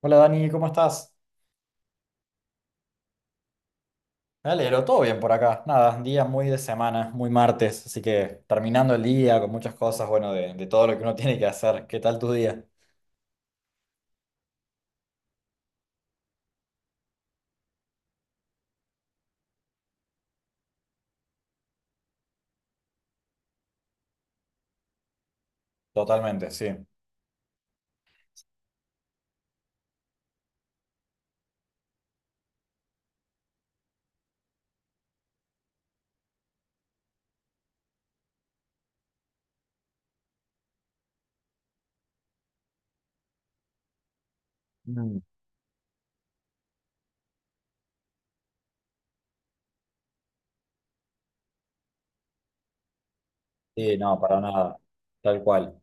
Hola Dani, ¿cómo estás? Me alegro, todo bien por acá. Nada, un día muy de semana, muy martes, así que terminando el día con muchas cosas, bueno, de todo lo que uno tiene que hacer. ¿Qué tal tu día? Totalmente, sí. Mm. Sí, no, para nada, tal cual.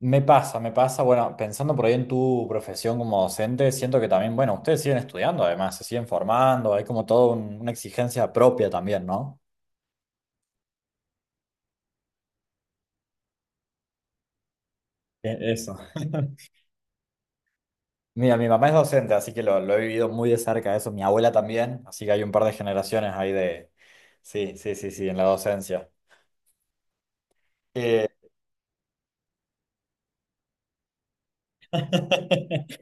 Me pasa, bueno, pensando por ahí en tu profesión como docente, siento que también, bueno, ustedes siguen estudiando además, se siguen formando, hay como toda una exigencia propia también, ¿no? Eso. Mira, mi mamá es docente, así que lo he vivido muy de cerca eso. Mi abuela también, así que hay un par de generaciones ahí de... Sí, sí, sí, sí, en la docencia. Eh,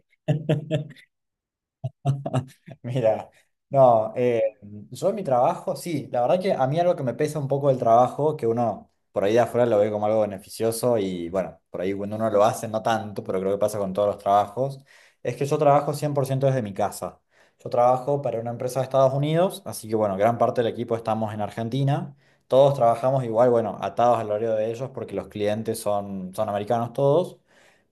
Mira, no, yo en mi trabajo, sí, la verdad que a mí algo que me pesa un poco del trabajo, que uno por ahí de afuera lo ve como algo beneficioso y bueno, por ahí cuando uno lo hace, no tanto, pero creo que pasa con todos los trabajos, es que yo trabajo 100% desde mi casa. Yo trabajo para una empresa de Estados Unidos, así que bueno, gran parte del equipo estamos en Argentina, todos trabajamos igual, bueno, atados al horario de ellos porque los clientes son, son americanos todos.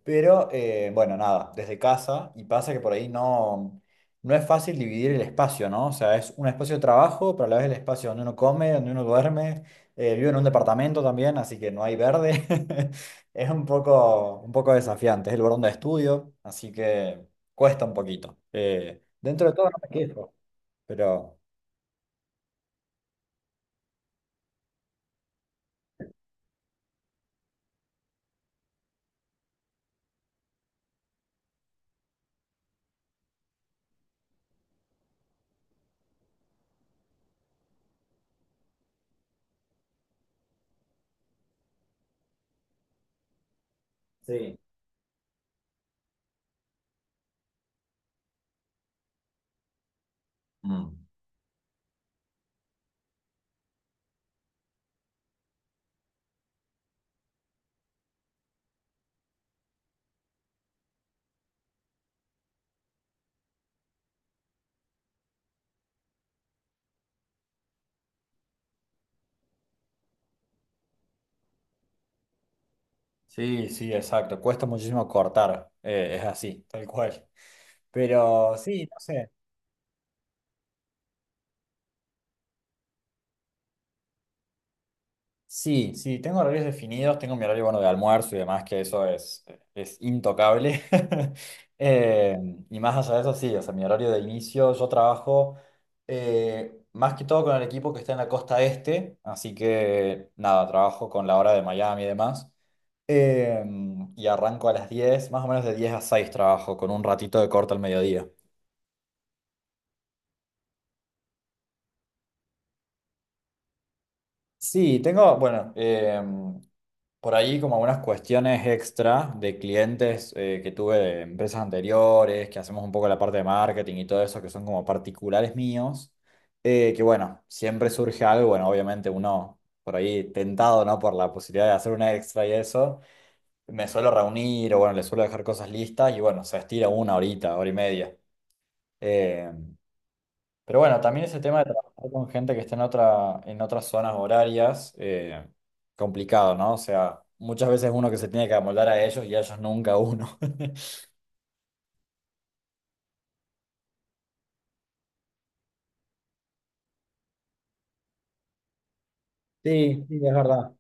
Pero bueno, nada, desde casa, y pasa que por ahí no es fácil dividir el espacio, ¿no? O sea, es un espacio de trabajo, pero a la vez el espacio donde uno come, donde uno duerme, vivo en un departamento también, así que no hay verde. Es un poco desafiante, es el lugar donde estudio, así que cuesta un poquito. Dentro de todo no me quejo, pero... Sí. Mm. Sí, sí, exacto, cuesta muchísimo cortar, es así, tal cual. Pero sí, no sé. Sí, sí, tengo horarios definidos, tengo mi horario bueno de almuerzo y demás, que eso es intocable. Eh, y más allá de eso, sí, o sea, mi horario de inicio, yo trabajo más que todo con el equipo que está en la costa este, así que nada, trabajo con la hora de Miami y demás. Eh, y arranco a las 10, más o menos de 10 a 6 trabajo, con un ratito de corte al mediodía. Sí, tengo, bueno, por ahí como algunas cuestiones extra de clientes que tuve de empresas anteriores, que hacemos un poco la parte de marketing y todo eso, que son como particulares míos, que bueno, siempre surge algo, bueno, obviamente uno por ahí tentado, ¿no? Por la posibilidad de hacer una extra y eso, me suelo reunir o bueno, le suelo dejar cosas listas y bueno, se estira una horita, hora y media. Em, pero bueno, también ese tema de trabajar con gente que esté en otra, en otras zonas horarias, complicado, ¿no? O sea, muchas veces uno que se tiene que amoldar a ellos y a ellos nunca a uno. Sí, sí, es verdad.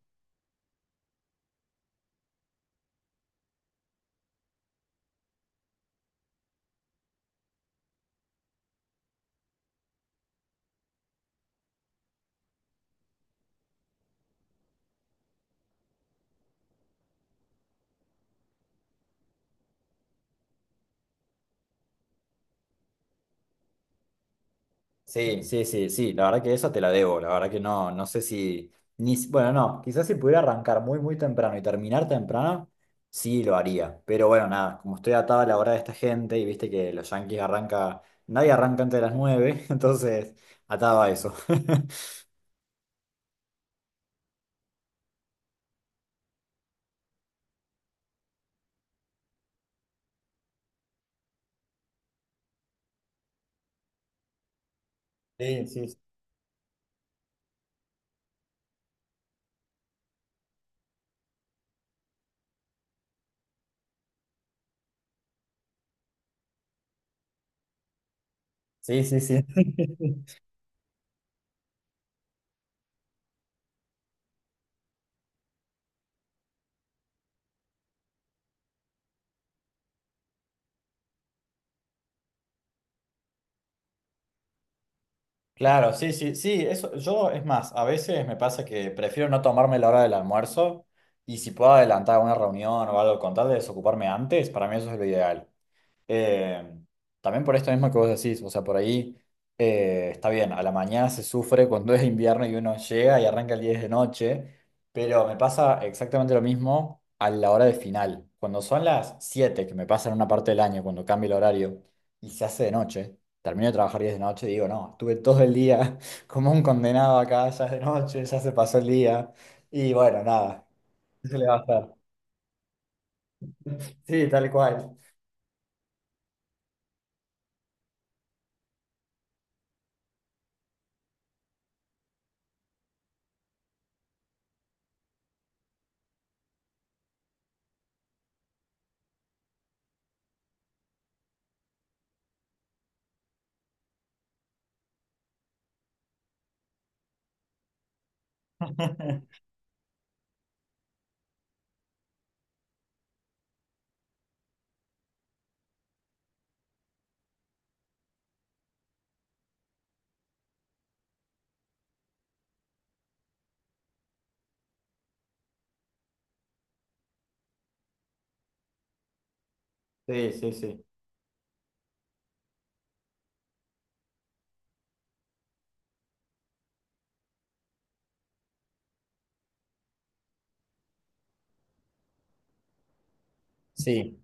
Sí, sí, sí, sí, la verdad que eso te la debo, la verdad que no, no sé si, ni, si- bueno, no, quizás si pudiera arrancar muy, muy temprano y terminar temprano, sí lo haría, pero bueno, nada, como estoy atado a la hora de esta gente y viste que los Yankees arranca, nadie arranca antes de las 9, entonces atado a eso. Sí, sí, sí, sí, sí. Claro, sí, sí, sí, eso, yo es más, a veces me pasa que prefiero no tomarme la hora del almuerzo y si puedo adelantar una reunión o algo con tal de desocuparme antes, para mí eso es lo ideal. Eh, También por esto mismo que vos decís, o sea, por ahí está bien, a la mañana se sufre cuando es invierno y uno llega y arranca el 10 de noche, pero me pasa exactamente lo mismo a la hora de final. Cuando son las 7 que me pasa en una parte del año, cuando cambia el horario y se hace de noche, termino de trabajar 10 de noche y digo, no, estuve todo el día como un condenado acá, ya es de noche, ya se pasó el día, y bueno, nada, ¿qué se le va a hacer? Sí, tal cual. Sí, sí, sí. Sí.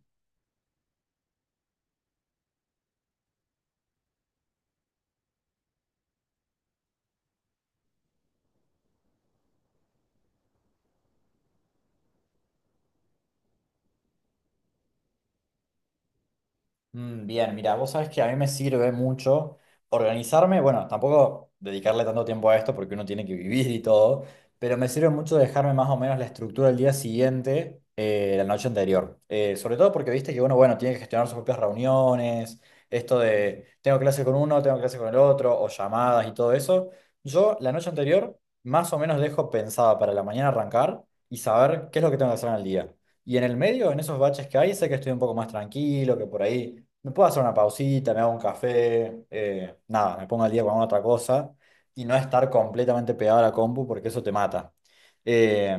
Mm. Bien, mira, vos sabés que a mí me sirve mucho organizarme, bueno, tampoco dedicarle tanto tiempo a esto porque uno tiene que vivir y todo, pero me sirve mucho dejarme más o menos la estructura del día siguiente, la noche anterior. Sobre todo porque viste que uno, bueno, tiene que gestionar sus propias reuniones, esto de tengo clase con uno, tengo clase con el otro, o llamadas y todo eso. Yo la noche anterior más o menos dejo pensada para la mañana arrancar y saber qué es lo que tengo que hacer en el día. Y en el medio, en esos baches que hay, sé que estoy un poco más tranquilo, que por ahí me puedo hacer una pausita, me hago un café, nada, me pongo al día con alguna otra cosa y no estar completamente pegado a la compu porque eso te mata. Eh,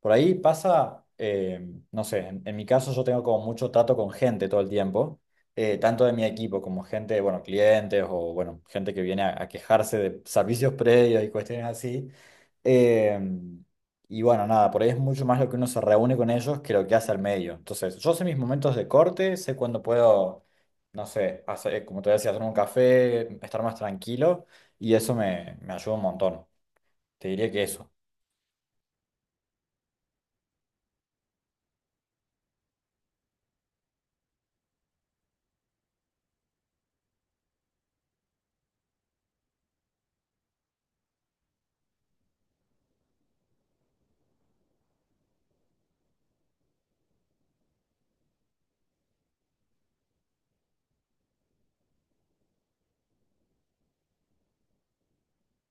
por ahí pasa, no sé, en mi caso yo tengo como mucho trato con gente todo el tiempo, tanto de mi equipo como gente, bueno, clientes o bueno, gente que viene a quejarse de servicios previos y cuestiones así. Em, y bueno, nada, por ahí es mucho más lo que uno se reúne con ellos que lo que hace al medio. Entonces, yo sé mis momentos de corte, sé cuándo puedo, no sé, hacer, como te decía, hacer un café, estar más tranquilo, y eso me, me ayuda un montón. Te diría que eso.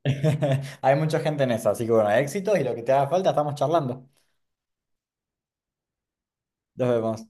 Hay mucha gente en eso, así que bueno, éxitos y lo que te haga falta, estamos charlando. Nos vemos.